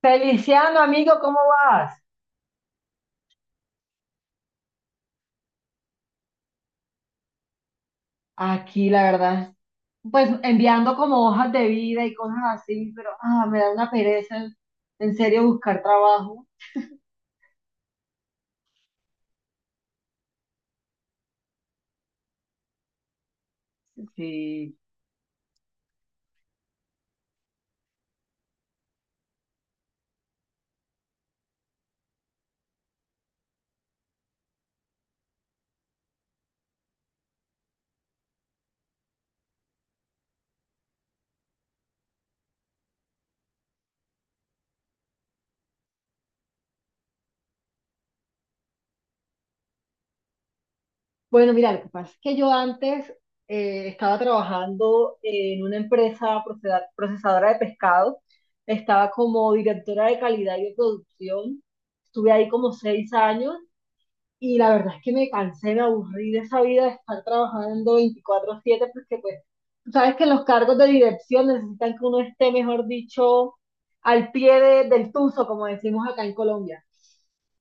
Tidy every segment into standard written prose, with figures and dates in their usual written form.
Feliciano, amigo, ¿cómo vas? Aquí, la verdad, pues enviando como hojas de vida y cosas así, pero me da una pereza en serio buscar trabajo. Sí. Bueno, mira, lo que pasa es que yo antes estaba trabajando en una empresa procesadora de pescado, estaba como directora de calidad y de producción, estuve ahí como 6 años. Y la verdad es que me cansé, me aburrí de esa vida de estar trabajando 24/7 porque pues, tú sabes que los cargos de dirección necesitan que uno esté, mejor dicho, al pie del tuzo, como decimos acá en Colombia.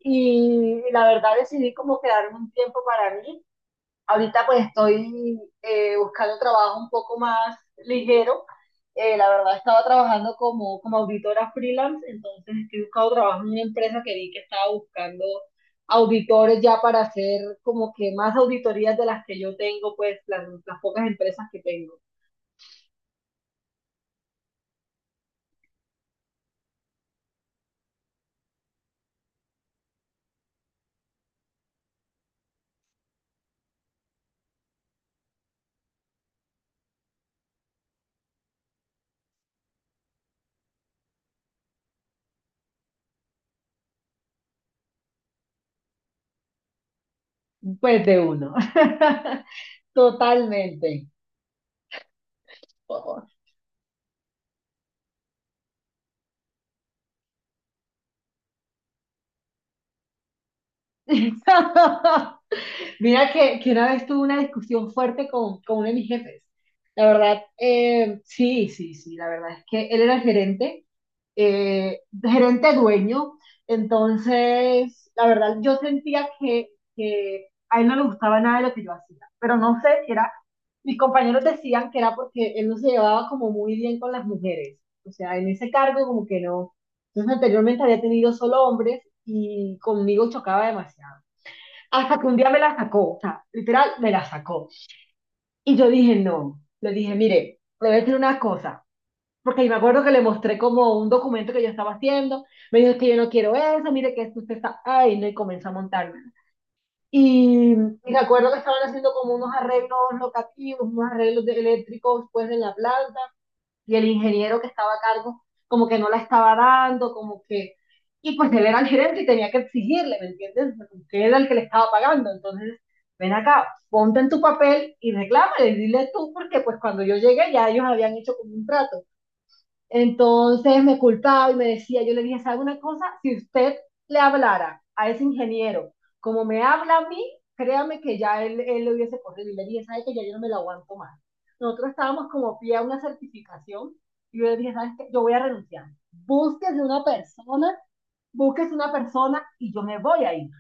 Y la verdad decidí como quedarme un tiempo para mí. Ahorita pues estoy buscando trabajo un poco más ligero. La verdad estaba trabajando como auditora freelance, entonces estoy buscando trabajo en una empresa que vi que estaba buscando auditores ya para hacer como que más auditorías de las que yo tengo, pues las pocas empresas que tengo. Pues de uno. Totalmente. Mira que una vez tuve una discusión fuerte con uno de mis jefes. La verdad, sí, sí, sí, la verdad es que él era el gerente, gerente dueño, entonces, la verdad, yo sentía que a él no le gustaba nada de lo que yo hacía, pero no sé si era, mis compañeros decían que era porque él no se llevaba como muy bien con las mujeres, o sea, en ese cargo como que no. Entonces, anteriormente había tenido solo hombres y conmigo chocaba demasiado. Hasta que un día me la sacó, o sea, literal, me la sacó. Y yo dije, no, le dije, mire, le voy a decir una cosa, porque me acuerdo que le mostré como un documento que yo estaba haciendo, me dijo, es que yo no quiero eso, mire que esto usted está, ay, no, y comenzó a montarme. Y me acuerdo que estaban haciendo como unos arreglos locativos, unos arreglos de eléctricos pues en la planta, y el ingeniero que estaba a cargo como que no la estaba dando, como que... Y pues él era el gerente y tenía que exigirle, ¿me entiendes? Porque era el que le estaba pagando. Entonces, ven acá, ponte en tu papel y reclámale, dile tú, porque pues cuando yo llegué ya ellos habían hecho como un trato. Entonces me culpaba y me decía, yo le dije, ¿sabe una cosa? Si usted le hablara a ese ingeniero como me habla a mí, créame que ya él lo hubiese corrido. Y le dije, ¿sabe que ya yo no me lo aguanto más? Nosotros estábamos como pie a una certificación y yo le dije, ¿sabes qué? Yo voy a renunciar. Búsquese una persona, búsquese una persona y yo me voy a ir.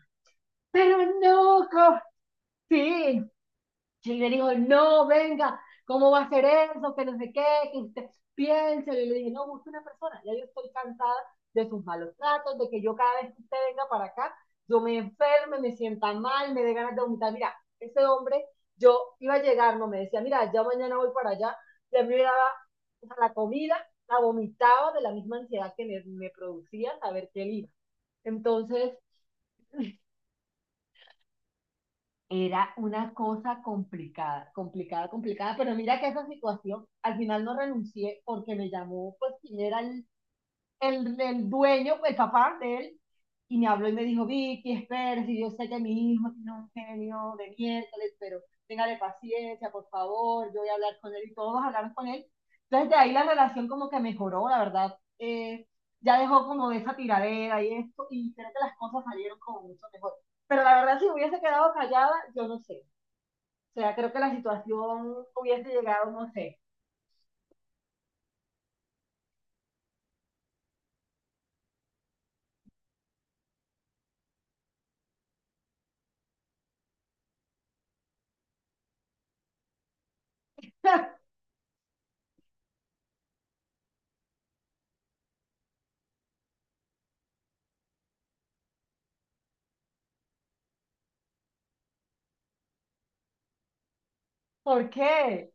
Pero no, sí, y él le dijo, no, venga, ¿cómo va a ser eso? Que no sé qué, que usted piense. Y le dije, no, busque una persona. Ya yo estoy cansada de sus malos tratos, de que yo cada vez que usted venga para acá, yo me enferme, me sienta mal, me dé ganas de vomitar. Mira, ese hombre, yo iba a llegar, no me decía, mira, ya mañana voy para allá. Y a mí me daba, o sea, la comida, la vomitaba de la misma ansiedad que me producía saber que él iba. Entonces, era una cosa complicada, complicada, complicada, pero mira que esa situación, al final no renuncié porque me llamó, pues, quien era el dueño, el papá de él, y me habló y me dijo, Vicky, espera, si yo sé que mi hijo tiene un genio de miércoles, pero téngale paciencia, por favor, yo voy a hablar con él y todos hablaron con él. Entonces de ahí la relación como que mejoró, la verdad. Ya dejó como de esa tiradera y esto, y creo que las cosas salieron como mucho mejor. Pero la verdad, si hubiese quedado callada, yo no sé. O sea, creo que la situación hubiese llegado, no sé. ¿Por qué?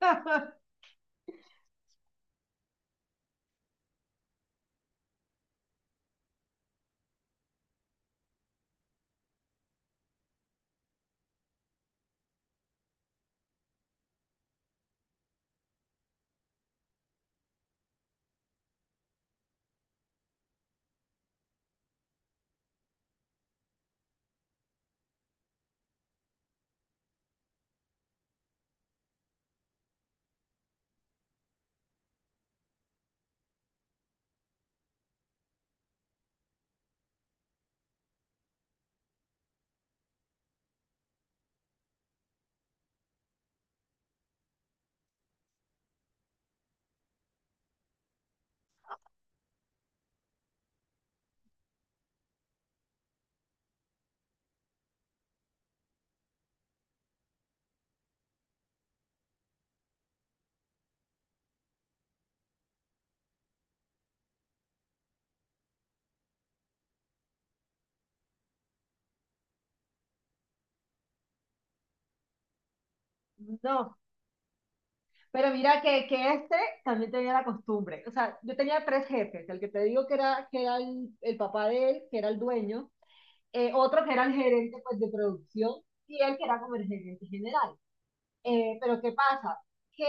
No. Pero mira que este también tenía la costumbre. O sea, yo tenía 3 jefes. El que te digo que era el papá de él, que era el dueño. Otro que era el gerente pues, de producción, y él que era como el gerente general. Pero ¿qué pasa? Que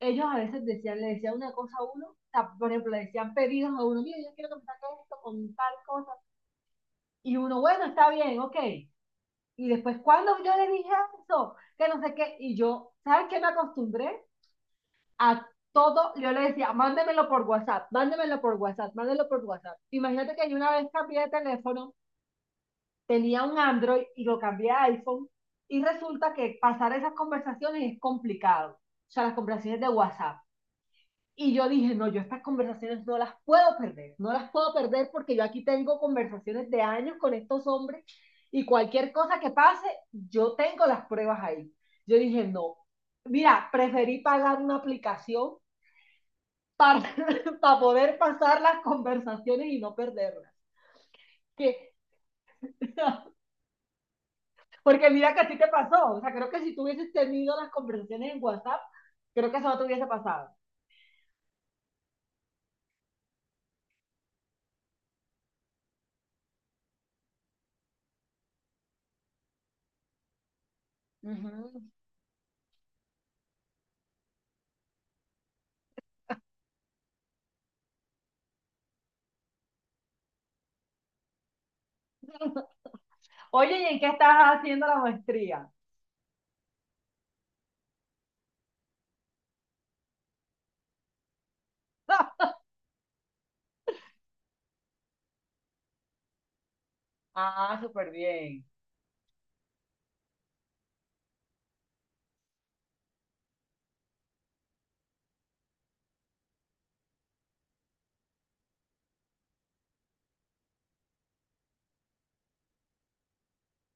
ellos a veces decían, le decían una cosa a uno, o sea, por ejemplo, le decían pedidos a uno. Mira, yo quiero que me saques esto con tal cosa. Y uno, bueno, está bien, ok. Y después, cuando yo le dije eso, que no sé qué, y yo, ¿sabes qué me acostumbré? A todo, yo le decía, mándemelo por WhatsApp, mándemelo por WhatsApp, mándemelo por WhatsApp. Imagínate que yo una vez cambié de teléfono, tenía un Android y lo cambié a iPhone y resulta que pasar esas conversaciones es complicado, o sea, las conversaciones de WhatsApp. Y yo dije, no, yo estas conversaciones no las puedo perder, no las puedo perder porque yo aquí tengo conversaciones de años con estos hombres y cualquier cosa que pase, yo tengo las pruebas ahí. Yo dije, no, mira, preferí pagar una aplicación para, para poder pasar las conversaciones y no perderlas. Que, porque mira que así te pasó. O sea, creo que si tú hubieses tenido las conversaciones en WhatsApp, creo que eso no te hubiese pasado. Ujú. Oye, ¿y en qué estás haciendo la maestría? Ah, súper bien.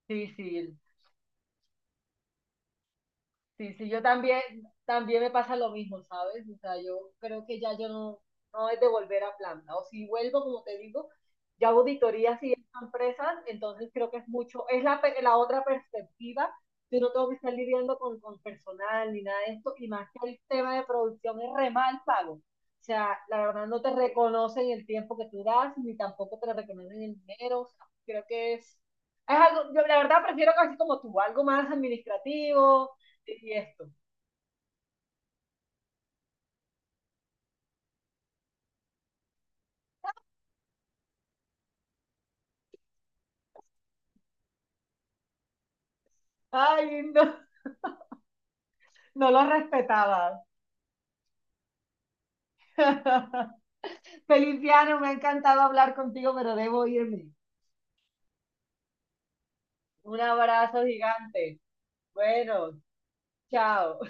Sí, sí. Sí, sí, yo también, también me pasa lo mismo, ¿sabes? O sea, yo creo que ya yo no, no es de volver a planta. O si vuelvo, como te digo, ya auditorías y esas empresas, entonces creo que es mucho, es la otra perspectiva. Yo no tengo que estar lidiando con personal ni nada de esto, y más que el tema de producción es re mal pago. O sea, la verdad no te reconocen el tiempo que tú das, ni tampoco te reconocen el dinero. O sea, creo que es algo, yo la verdad prefiero casi como tú, algo más administrativo y esto. Ay, no, no lo respetaba. Feliciano, me ha encantado hablar contigo, pero debo irme. Un abrazo gigante. Bueno, chao.